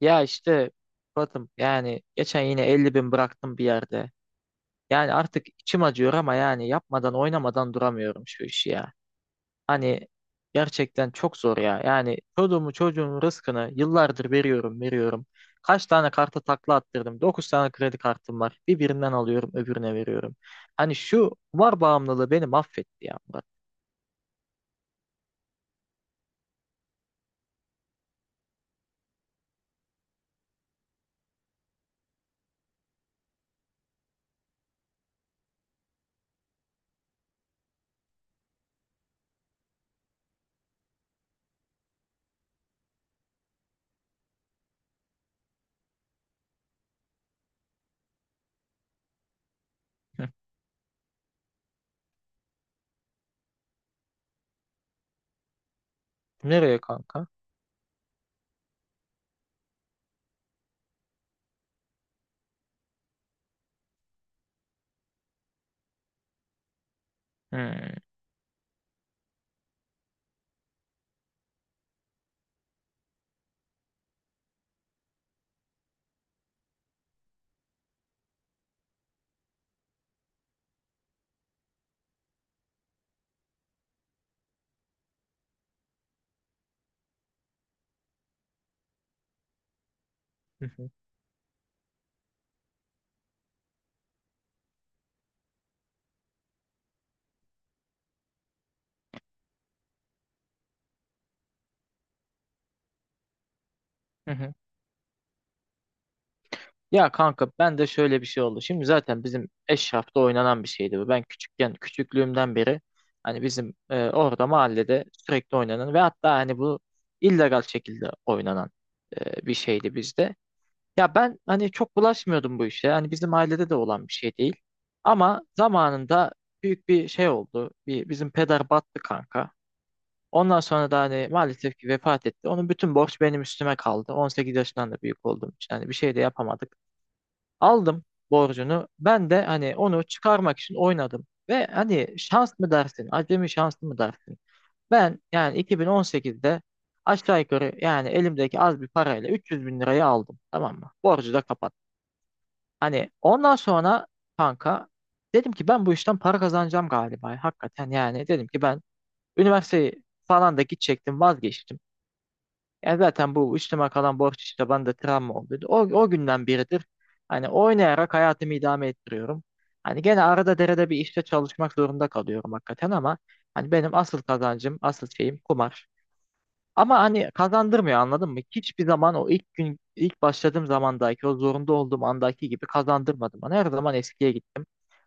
Ya işte Batım yani geçen yine 50 bin bıraktım bir yerde. Yani artık içim acıyor ama yani yapmadan oynamadan duramıyorum şu işi ya. Hani gerçekten çok zor ya. Yani çocuğumu çocuğumun rızkını yıllardır veriyorum veriyorum. Kaç tane karta takla attırdım. 9 tane kredi kartım var. Bir birinden alıyorum öbürüne veriyorum. Hani şu kumar bağımlılığı beni mahvetti ya Murat. Hı. Nereye kanka? Hmm. Ya kanka ben de şöyle bir şey oldu. Şimdi zaten bizim Eşraf'ta oynanan bir şeydi bu. Ben küçükken, küçüklüğümden beri hani bizim orada mahallede sürekli oynanan ve hatta hani bu illegal şekilde oynanan bir şeydi bizde. Ya ben hani çok bulaşmıyordum bu işe. Hani bizim ailede de olan bir şey değil. Ama zamanında büyük bir şey oldu. Bir, bizim peder battı kanka. Ondan sonra da hani maalesef ki vefat etti. Onun bütün borç benim üstüme kaldı. 18 yaşından da büyük olduğum için hani bir şey de yapamadık. Aldım borcunu. Ben de hani onu çıkarmak için oynadım. Ve hani şans mı dersin, acemi şans mı dersin? Ben yani 2018'de aşağı yukarı yani elimdeki az bir parayla 300 bin lirayı aldım. Tamam mı? Borcu da kapattım. Hani ondan sonra kanka dedim ki ben bu işten para kazanacağım galiba. Hakikaten yani dedim ki ben üniversiteyi falan da gidecektim vazgeçtim. Ya zaten bu üstüme kalan borç işte bende travma oldu. O günden biridir. Hani oynayarak hayatımı idame ettiriyorum. Hani gene arada derede bir işte çalışmak zorunda kalıyorum hakikaten ama hani benim asıl kazancım, asıl şeyim kumar. Ama hani kazandırmıyor anladın mı? Hiçbir zaman o ilk gün, ilk başladığım zamandaki, o zorunda olduğum andaki gibi kazandırmadım bana. Her zaman eskiye gittim.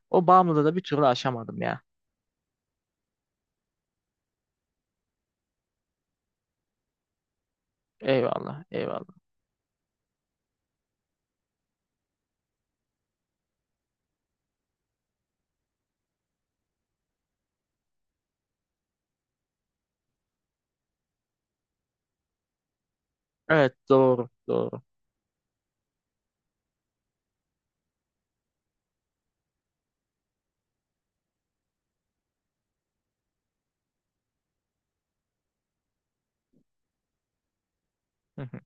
O bağımlılığı da bir türlü aşamadım ya. Eyvallah, eyvallah. Evet, doğru, doğru. Hı hı.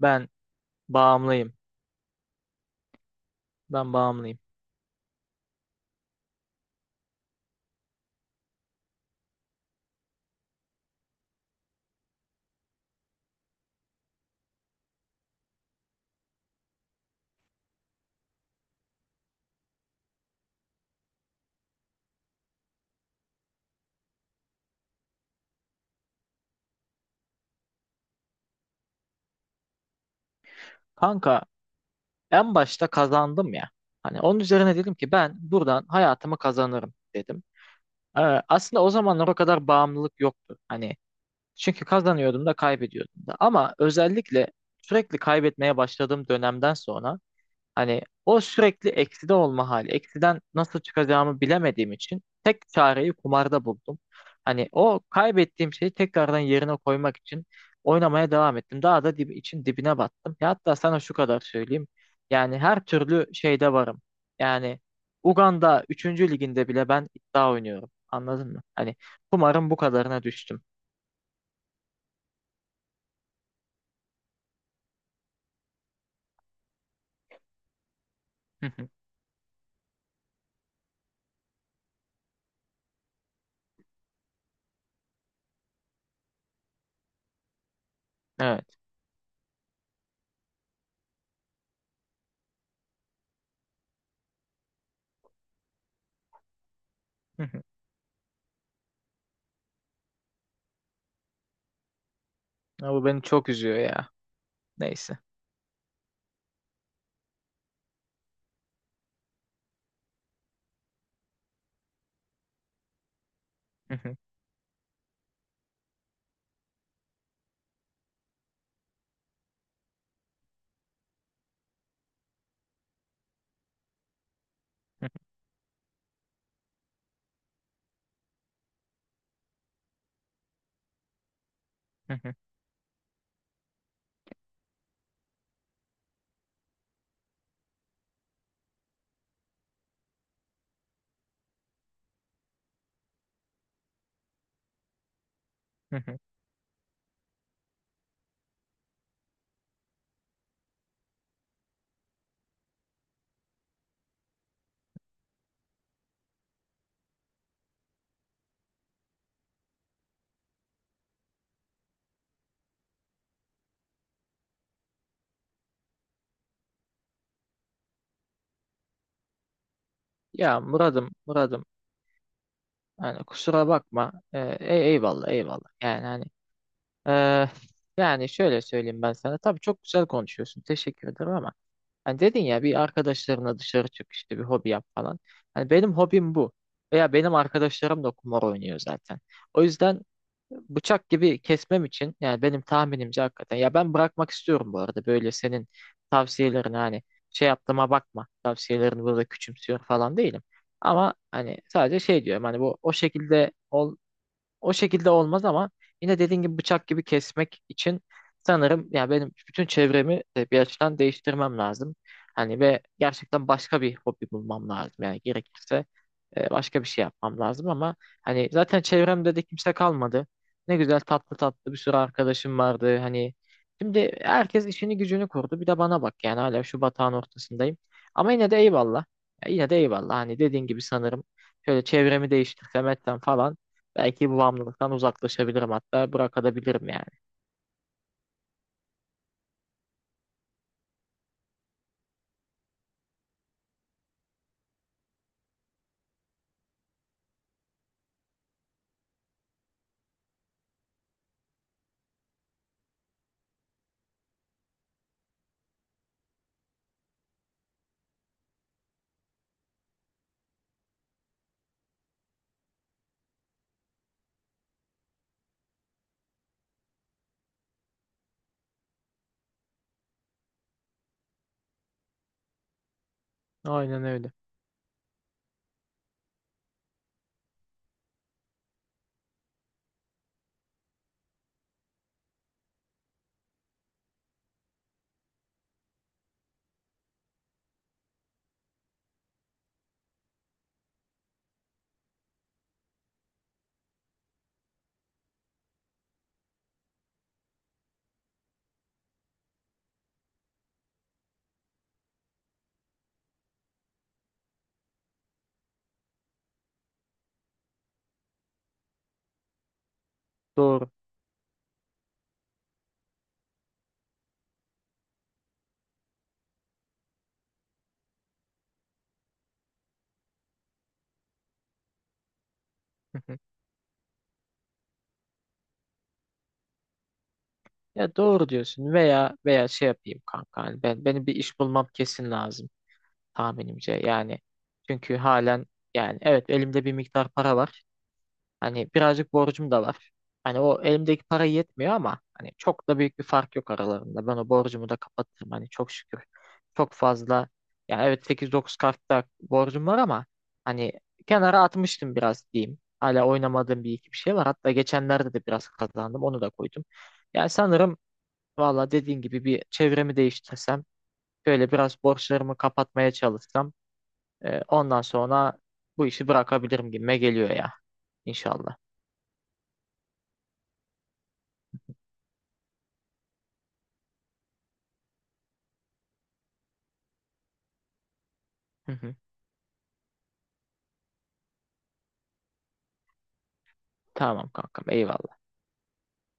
Ben bağımlıyım. Ben bağımlıyım. Kanka, en başta kazandım ya. Hani onun üzerine dedim ki ben buradan hayatımı kazanırım dedim. Aslında o zamanlar o kadar bağımlılık yoktu. Hani çünkü kazanıyordum da kaybediyordum da. Ama özellikle sürekli kaybetmeye başladığım dönemden sonra hani o sürekli ekside olma hali. Eksiden nasıl çıkacağımı bilemediğim için tek çareyi kumarda buldum. Hani o kaybettiğim şeyi tekrardan yerine koymak için oynamaya devam ettim. Daha da dibine battım. Ya hatta sana şu kadar söyleyeyim. Yani her türlü şeyde varım. Yani Uganda üçüncü liginde bile ben iddia oynuyorum. Anladın mı? Hani kumarın bu kadarına düştüm. Hı hı. Evet. Hı hı. Ya bu beni çok üzüyor ya. Neyse. Hı hı. Hı hı. Hı hı. Ya Murad'ım, Murad'ım, yani kusura bakma. Eyvallah eyvallah. Yani hani eee, yani şöyle söyleyeyim ben sana. Tabii çok güzel konuşuyorsun. Teşekkür ederim ama hani dedin ya bir arkadaşlarına dışarı çık işte bir hobi yap falan. Hani benim hobim bu. Veya benim arkadaşlarım da kumar oynuyor zaten. O yüzden bıçak gibi kesmem için yani benim tahminimce hakikaten ya ben bırakmak istiyorum bu arada böyle senin tavsiyelerini hani şey yaptığıma bakma, tavsiyelerini burada küçümsüyor falan değilim, ama hani sadece şey diyorum hani bu o şekilde o şekilde olmaz ama yine dediğin gibi bıçak gibi kesmek için sanırım yani benim bütün çevremi de bir açıdan değiştirmem lazım. Hani ve gerçekten başka bir hobi bulmam lazım. Yani gerekirse başka bir şey yapmam lazım ama hani zaten çevremde de kimse kalmadı. Ne güzel tatlı tatlı bir sürü arkadaşım vardı. Hani şimdi herkes işini gücünü kurdu. Bir de bana bak yani hala şu batağın ortasındayım. Ama yine de eyvallah. Ya yine de eyvallah. Hani dediğin gibi sanırım şöyle çevremi değiştirsem etsem falan belki bu bağımlılıktan uzaklaşabilirim hatta bırakabilirim yani. Aynen öyle. Doğru. Hı hı. Ya doğru diyorsun veya şey yapayım kanka hani ben benim bir iş bulmam kesin lazım tahminimce yani. Çünkü halen yani evet elimde bir miktar para var. Hani birazcık borcum da var. Hani o elimdeki para yetmiyor ama hani çok da büyük bir fark yok aralarında. Ben o borcumu da kapatırım hani çok şükür. Çok fazla yani evet 8-9 kartta borcum var ama hani kenara atmıştım biraz diyeyim. Hala oynamadığım bir iki bir şey var. Hatta geçenlerde de biraz kazandım. Onu da koydum. Yani sanırım valla dediğin gibi bir çevremi değiştirsem, böyle biraz borçlarımı kapatmaya çalışsam ondan sonra bu işi bırakabilirim gibime geliyor ya inşallah. Tamam kankam eyvallah.